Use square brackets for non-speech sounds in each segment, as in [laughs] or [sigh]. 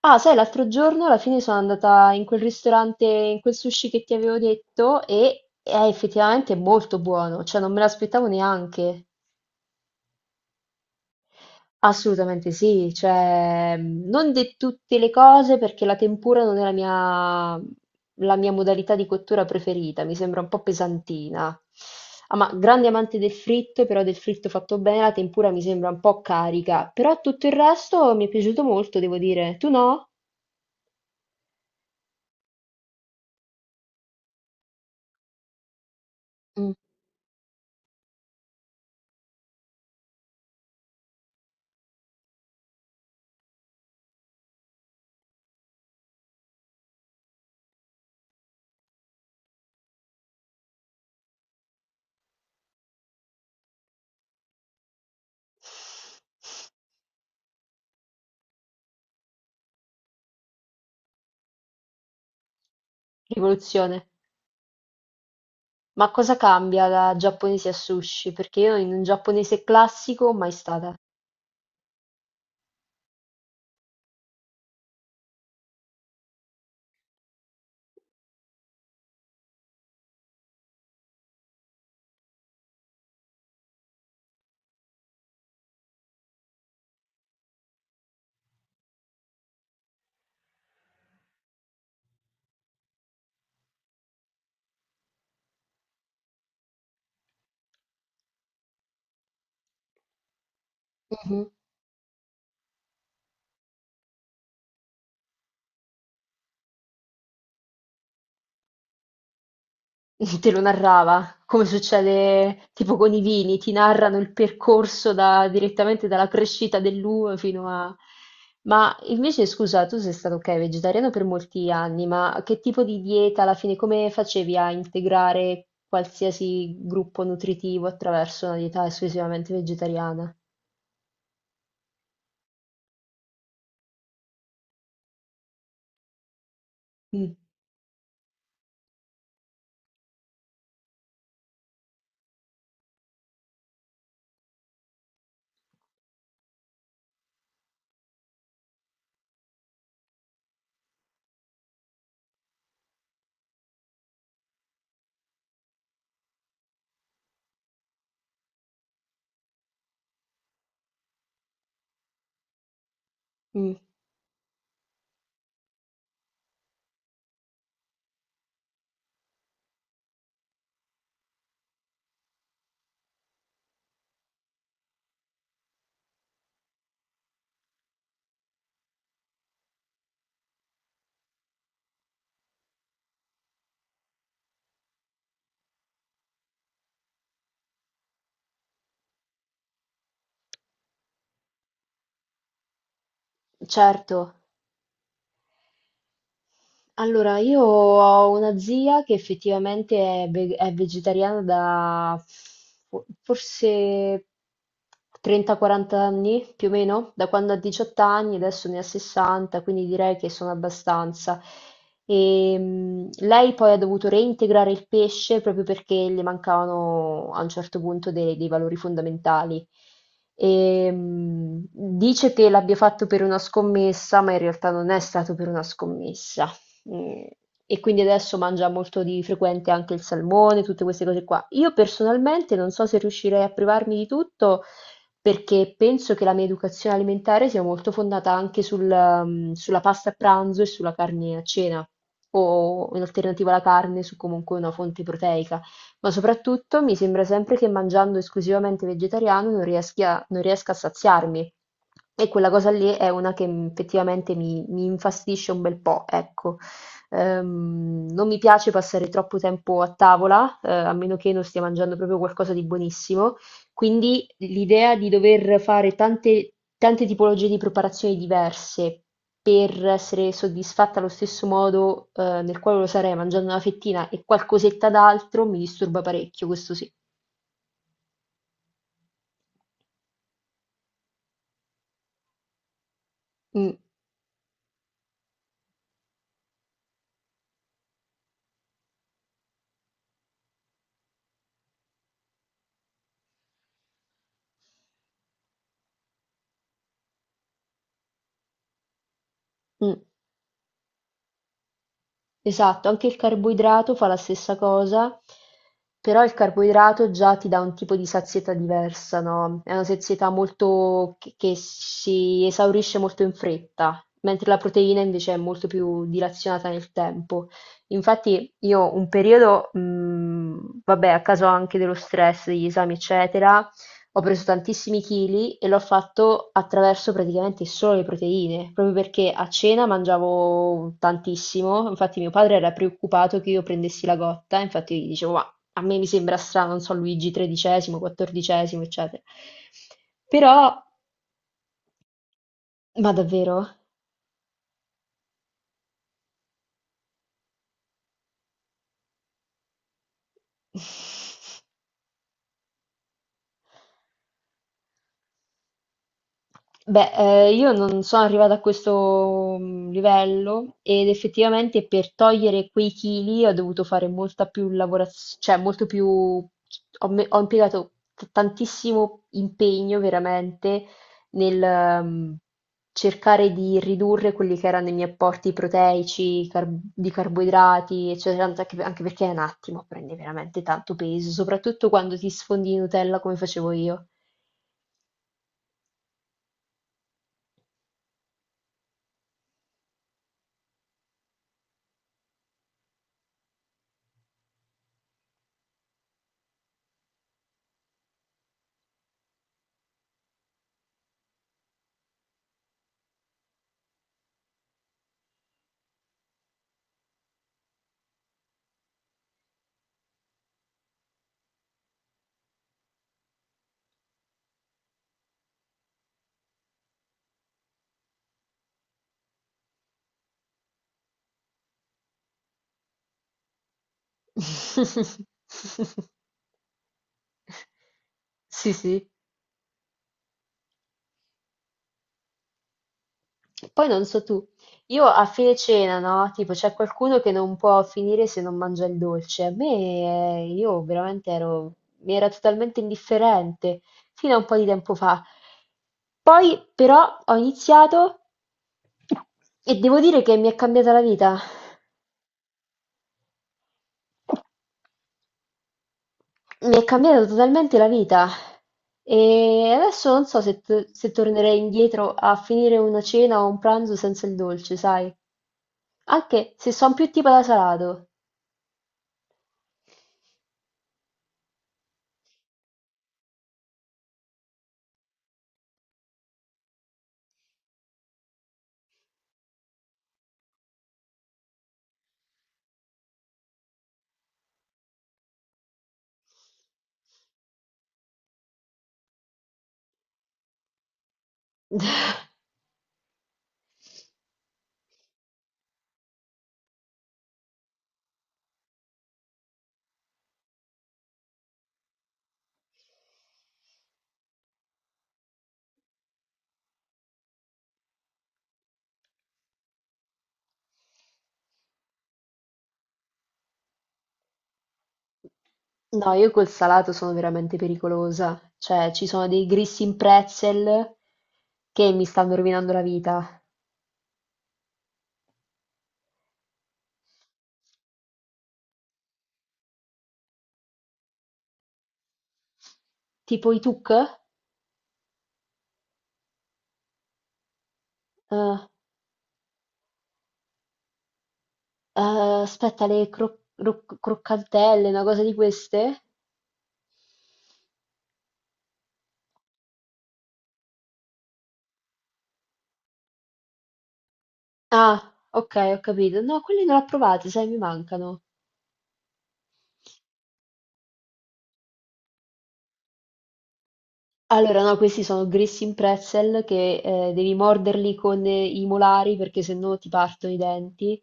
Ah, sai, l'altro giorno alla fine sono andata in quel ristorante, in quel sushi che ti avevo detto e è effettivamente molto buono, cioè non me l'aspettavo neanche. Assolutamente sì, cioè non di tutte le cose perché la tempura non è la mia modalità di cottura preferita, mi sembra un po' pesantina. Ah, ma grande amante del fritto, però del fritto fatto bene, la tempura mi sembra un po' carica, però tutto il resto mi è piaciuto molto, devo dire. Tu no? Mm. Rivoluzione: ma cosa cambia da giapponese a sushi? Perché io in un giapponese classico mai stata. Mhm. [laughs] Te lo narrava, come succede tipo con i vini, ti narrano il percorso direttamente dalla crescita dell'uva fino a... Ma invece, scusa, tu sei stato, ok, vegetariano per molti anni, ma che tipo di dieta alla fine, come facevi a integrare qualsiasi gruppo nutritivo attraverso una dieta esclusivamente vegetariana? Mm, mm, certo. Allora, io ho una zia che effettivamente è, è vegetariana da forse 30-40 anni, più o meno, da quando ha 18 anni, adesso ne ha 60, quindi direi che sono abbastanza. E, lei poi ha dovuto reintegrare il pesce proprio perché le mancavano a un certo punto dei valori fondamentali. E, dice che l'abbia fatto per una scommessa, ma in realtà non è stato per una scommessa. Mhmm, e quindi adesso mangia molto di frequente anche il salmone, tutte queste cose qua. Io personalmente non so se riuscirei a privarmi di tutto perché penso che la mia educazione alimentare sia molto fondata anche sul, sulla pasta a pranzo e sulla carne a cena o in alternativa alla carne su comunque una fonte proteica. Ma soprattutto mi sembra sempre che mangiando esclusivamente vegetariano non riesca a saziarmi e quella cosa lì è una che, effettivamente mi infastidisce un bel po', ecco. Non mi piace passare troppo tempo a tavola, a meno che non stia mangiando proprio qualcosa di buonissimo. Quindi l'idea di dover fare tante, tante tipologie di preparazioni diverse per essere soddisfatta allo stesso modo, nel quale lo sarei mangiando una fettina e qualcosetta d'altro mi disturba parecchio, questo sì. Mm, mm. Esatto, anche il carboidrato fa la stessa cosa, però il carboidrato già ti dà un tipo di sazietà diversa, no? È una sazietà molto che si esaurisce molto in fretta, mentre la proteina invece è molto più dilazionata nel tempo. Infatti io un periodo, vabbè, a causa anche dello stress, degli esami, eccetera, ho preso tantissimi chili e l'ho fatto attraverso praticamente solo le proteine, proprio perché a cena mangiavo tantissimo, infatti mio padre era preoccupato che io prendessi la gotta, infatti gli dicevo, ma a me mi sembra strano, non so, Luigi XIII, XIV, eccetera. Però, ma davvero? [laughs] Beh, io non sono arrivata a questo livello ed effettivamente per togliere quei chili ho dovuto fare molta più lavorazione, cioè molto più, ho impiegato tantissimo impegno veramente nel cercare di ridurre quelli che erano i miei apporti proteici, di carboidrati, eccetera, anche perché è un attimo, prendi veramente tanto peso, soprattutto quando ti sfondi di Nutella come facevo io. [laughs] [laughs] Sì, sì. Poi non so tu, io a fine cena, no? Tipo, c'è qualcuno che non può finire se non mangia il dolce. A me, io veramente ero, mi era totalmente indifferente fino a un po' di tempo fa. Poi, però, ho iniziato e devo dire che mi è cambiata la vita. Mi è cambiata totalmente la vita. E adesso non so se, se tornerei indietro a finire una cena o un pranzo senza il dolce, sai? Anche se son più tipo da salato. [laughs] No, io col salato sono veramente pericolosa. Cioè, ci sono dei Grissini in Pretzel che mi stanno rovinando la vita. Tipo i tuk? Eh, eh, aspetta, croccantelle, una cosa di queste? Ah, ok, ho capito. No, quelli non li ho provati, sai, mi mancano. Allora, no, questi sono grissini pretzel che devi morderli con i molari perché sennò ti partono i denti.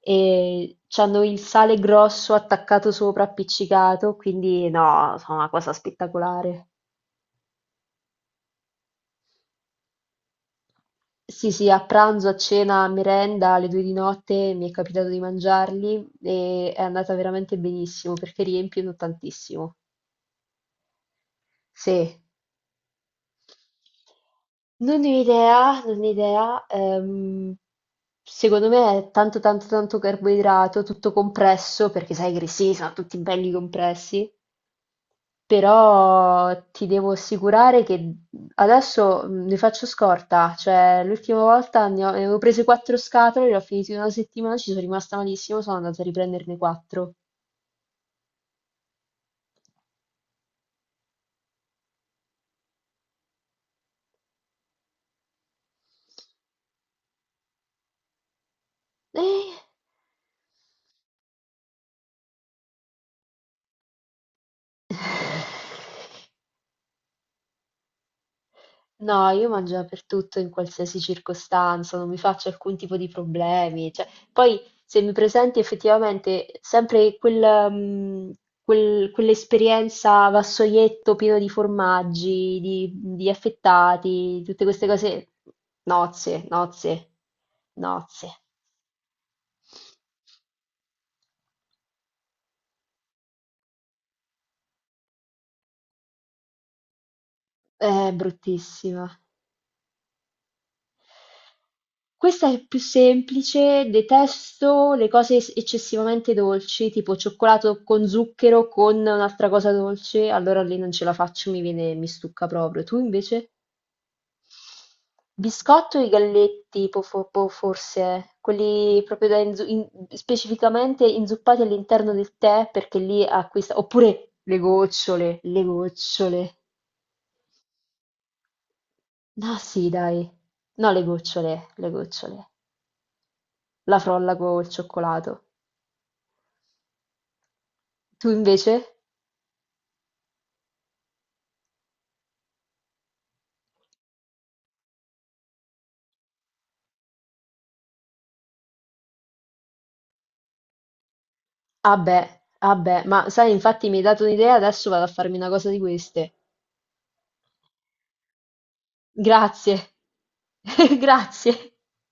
E c'hanno il sale grosso attaccato sopra, appiccicato, quindi no, sono una cosa spettacolare. Sì, sì, a pranzo, a cena, a merenda, alle 2 di notte mi è capitato di mangiarli e è andata veramente benissimo perché riempiono tantissimo. Sì. Non ne ho idea, non ne ho idea. Secondo me è tanto tanto tanto carboidrato, tutto compresso, perché sai che i grissini sono tutti belli compressi. Però ti devo assicurare che adesso ne faccio scorta, cioè l'ultima volta ne avevo prese quattro scatole, le ho finite in una settimana, ci sono rimasta malissimo, sono andata a riprenderne quattro. Eh. [laughs] No, io mangio dappertutto in qualsiasi circostanza, non mi faccio alcun tipo di problemi. Cioè, poi se mi presenti effettivamente sempre quel, quell'esperienza vassoietto pieno di formaggi, di affettati, tutte queste cose, nozze, nozze, nozze. È bruttissima. Questa è più semplice, detesto le cose eccessivamente dolci, tipo cioccolato con zucchero con un'altra cosa dolce, allora lì non ce la faccio, mi viene, mi stucca proprio. Tu invece? Biscotto e i galletti, forse, eh. Quelli proprio da specificamente inzuppati all'interno del tè, perché lì acquista, oppure le gocciole, le gocciole. No, sì, dai. No, le gocciole, le gocciole. La frolla col cioccolato. Tu invece? Ah beh, ah beh, ma sai, infatti mi hai dato un'idea, adesso vado a farmi una cosa di queste. Grazie, [laughs] grazie.